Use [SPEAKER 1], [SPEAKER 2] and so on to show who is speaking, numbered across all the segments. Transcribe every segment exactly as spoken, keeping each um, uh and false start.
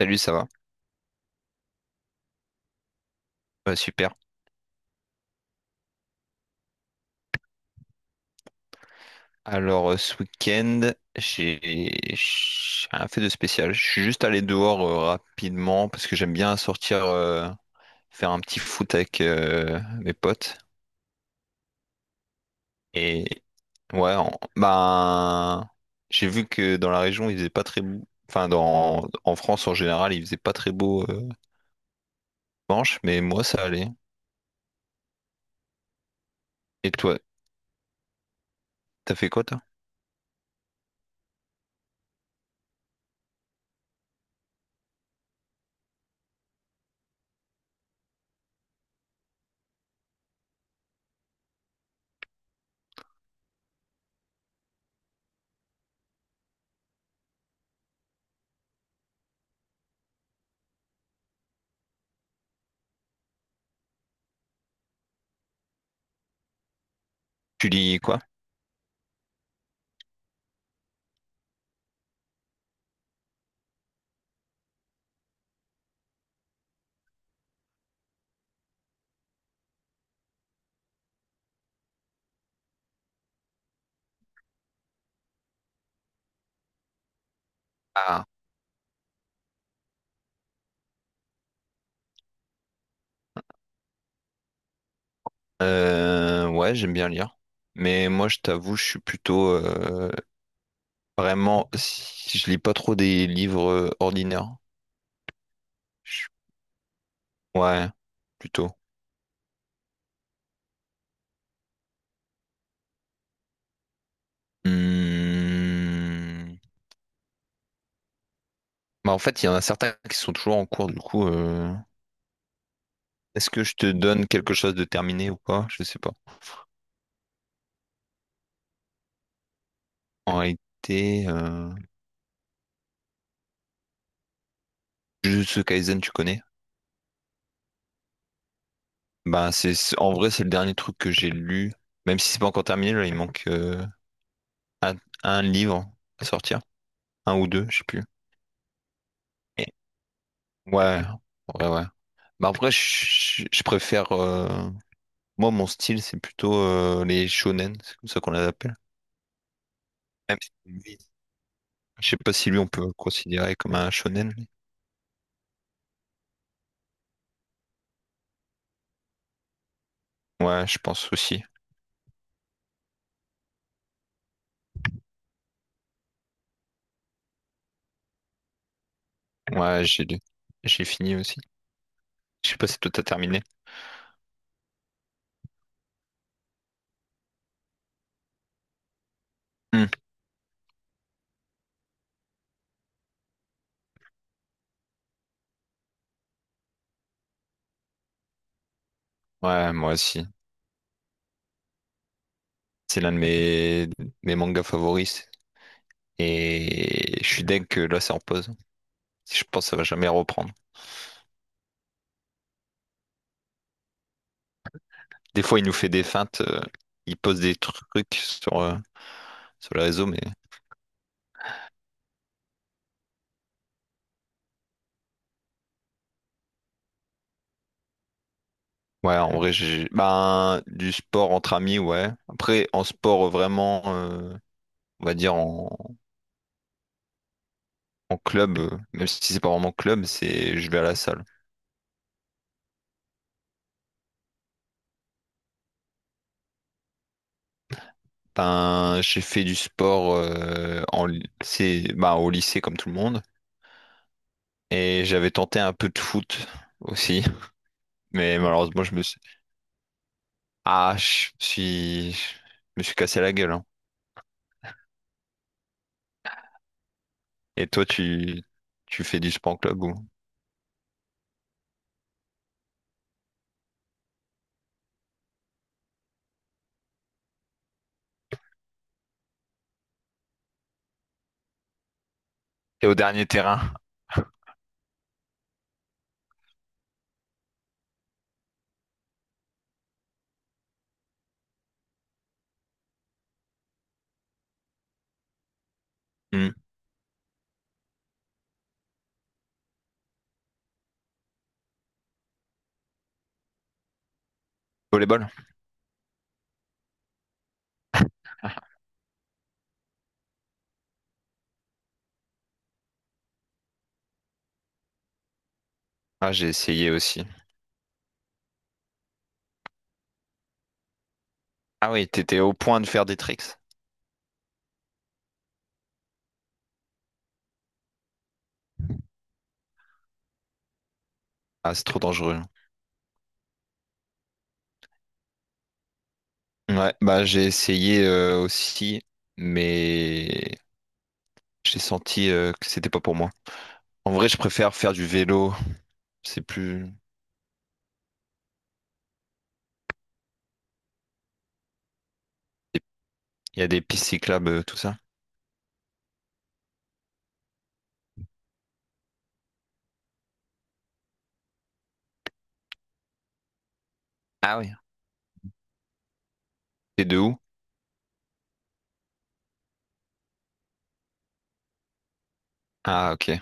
[SPEAKER 1] Salut, ça va? Ouais, super. Alors, euh, ce week-end, j'ai j'ai rien fait de spécial. Je suis juste allé dehors euh, rapidement parce que j'aime bien sortir euh, faire un petit foot avec euh, mes potes. Et ouais, en- ben, j'ai vu que dans la région, il faisait pas très beau. Enfin, dans, en France en général, il faisait pas très beau euh, dimanche, mais moi, ça allait. Et toi, T'as fait quoi, toi? Tu lis quoi? Ah. Euh, ouais, j'aime bien lire. Mais moi, je t'avoue, je suis plutôt euh, vraiment. Si je lis pas trop des livres euh, ordinaires. Je- Ouais, plutôt. Hmm. Bah, en fait, il y en a certains qui sont toujours en cours, du coup. euh, Est-ce que je te donne quelque chose de terminé ou pas? Je sais pas. En réalité, euh, Jujutsu Kaisen, tu connais? Bah, c'est, c'est- en vrai, c'est le dernier truc que j'ai lu. Même si c'est pas encore terminé, là, il manque euh, un livre à sortir. Un ou deux, je sais plus. Et- Ouais, ouais, ouais. Bah, après, je je- je préfère. euh, Moi, mon style, c'est plutôt euh, les shonen, c'est comme ça qu'on les appelle. Même si lui, Je sais pas si lui, on peut le considérer comme un shonen, lui. Ouais, je pense aussi. Ouais, j'ai j'ai fini aussi. Je sais pas si toi t'as terminé. Hmm. Ouais, moi aussi. C'est l'un de mes, mes mangas favoris. Et je suis deg que là, c'est en pause. Je pense que ça va jamais reprendre. Des fois, il nous fait des feintes. euh, Il pose des trucs sur, euh, sur le réseau. Mais ouais, en vrai, j'ai... ben, du sport entre amis, ouais. Après, en sport, euh, vraiment, euh, on va dire en, en club, euh, même si c'est pas vraiment club, c'est je vais à la salle. Ben, j'ai fait du sport euh, en, ly- c'est, ben, au lycée, comme tout le monde. Et j'avais tenté un peu de foot aussi. Mais malheureusement, je me suis... ah, je me suis... je me suis cassé la gueule, hein. Et toi, tu... tu fais du sport en club ou. Et au dernier terrain? Hmm. Volleyball? Ah, j'ai essayé aussi. Ah oui, t'étais au point de faire des tricks. Ah, c'est trop dangereux. Ouais, bah j'ai essayé euh, aussi, mais j'ai senti euh, que c'était pas pour moi. En vrai, je préfère faire du vélo. C'est plus. Il y a des pistes cyclables, euh, tout ça. Ah oui. T'es de où? Ah, ok.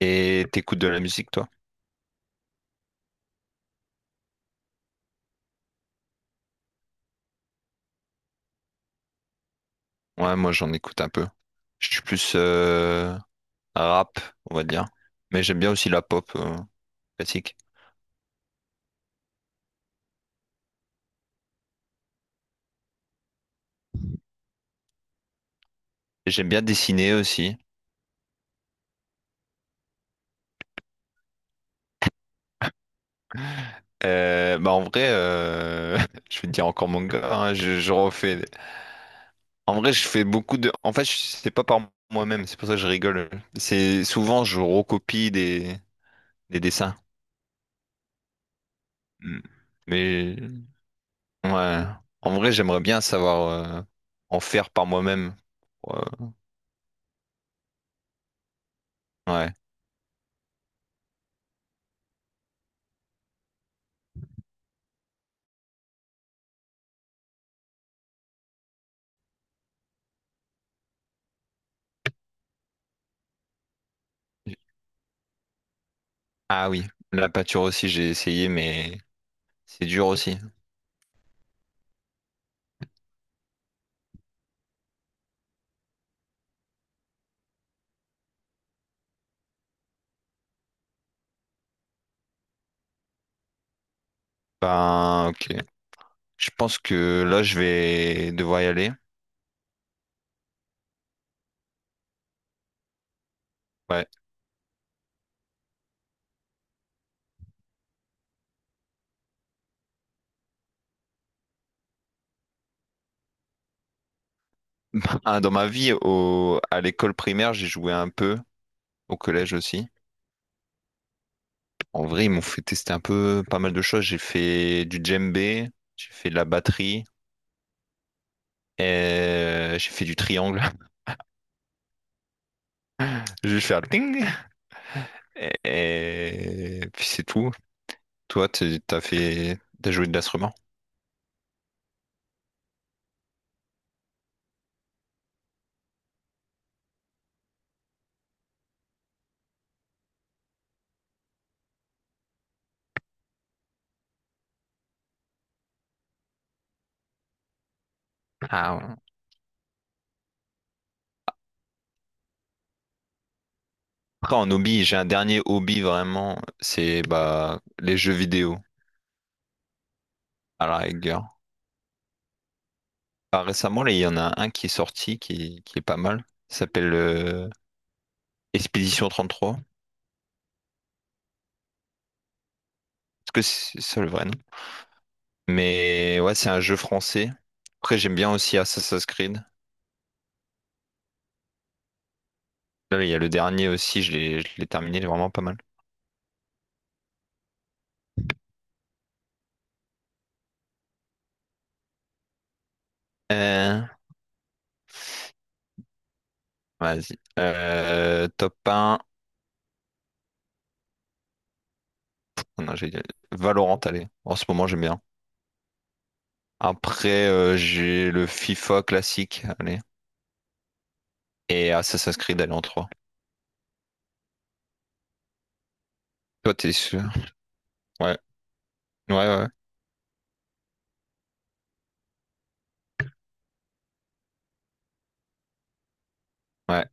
[SPEAKER 1] Et t'écoutes de la musique, toi? Ouais, moi j'en écoute un peu. Je suis plus euh, rap, on va dire. Mais j'aime bien aussi la pop euh, classique. J'aime bien dessiner aussi. Euh, bah en vrai, euh, je vais te dire encore manga, hein, je, je refais. En vrai, je fais beaucoup de. En fait, je- c'est pas par moi-même, c'est pour ça que je rigole. C'est souvent je recopie des, des dessins. Mm. Mais ouais, en vrai, j'aimerais bien savoir euh, en faire par moi-même. Ouais. Ouais. Ah oui, la pâture aussi, j'ai essayé, mais c'est dur aussi. Ben, ok. Je pense que là, je vais devoir y aller. Ouais. Ah, dans ma vie, au... à l'école primaire, j'ai joué un peu, au collège aussi. En vrai, ils m'ont fait tester un peu pas mal de choses. J'ai fait du djembé, j'ai fait de la batterie, et j'ai fait du triangle. Je vais faire le ting. Et, et puis c'est tout. Toi, t'es- t'as fait, t'as joué de l'instrument? Ah, ouais. Après, en hobby, j'ai un dernier hobby vraiment, c'est bah les jeux vidéo à la rigueur. Bah, récemment, là, il y en a un qui est sorti qui, qui est pas mal. Il s'appelle euh, Expédition trente-trois. Est-ce que c'est ça le vrai nom? Mais ouais, c'est un jeu français. Après, j'aime bien aussi Assassin's Creed. Là, il y a le dernier aussi, je l'ai je l'ai terminé, il est vraiment pas mal. Euh, vas-y. Euh, top un. Oh non, j'ai Valorant, allez. En ce moment, j'aime bien. Après, euh, j'ai le FIFA classique, allez. Et Assassin's Creed, allez, en trois. Toi, t'es sûr? Ouais. Ouais, ouais, ouais. Ouais.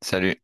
[SPEAKER 1] Salut.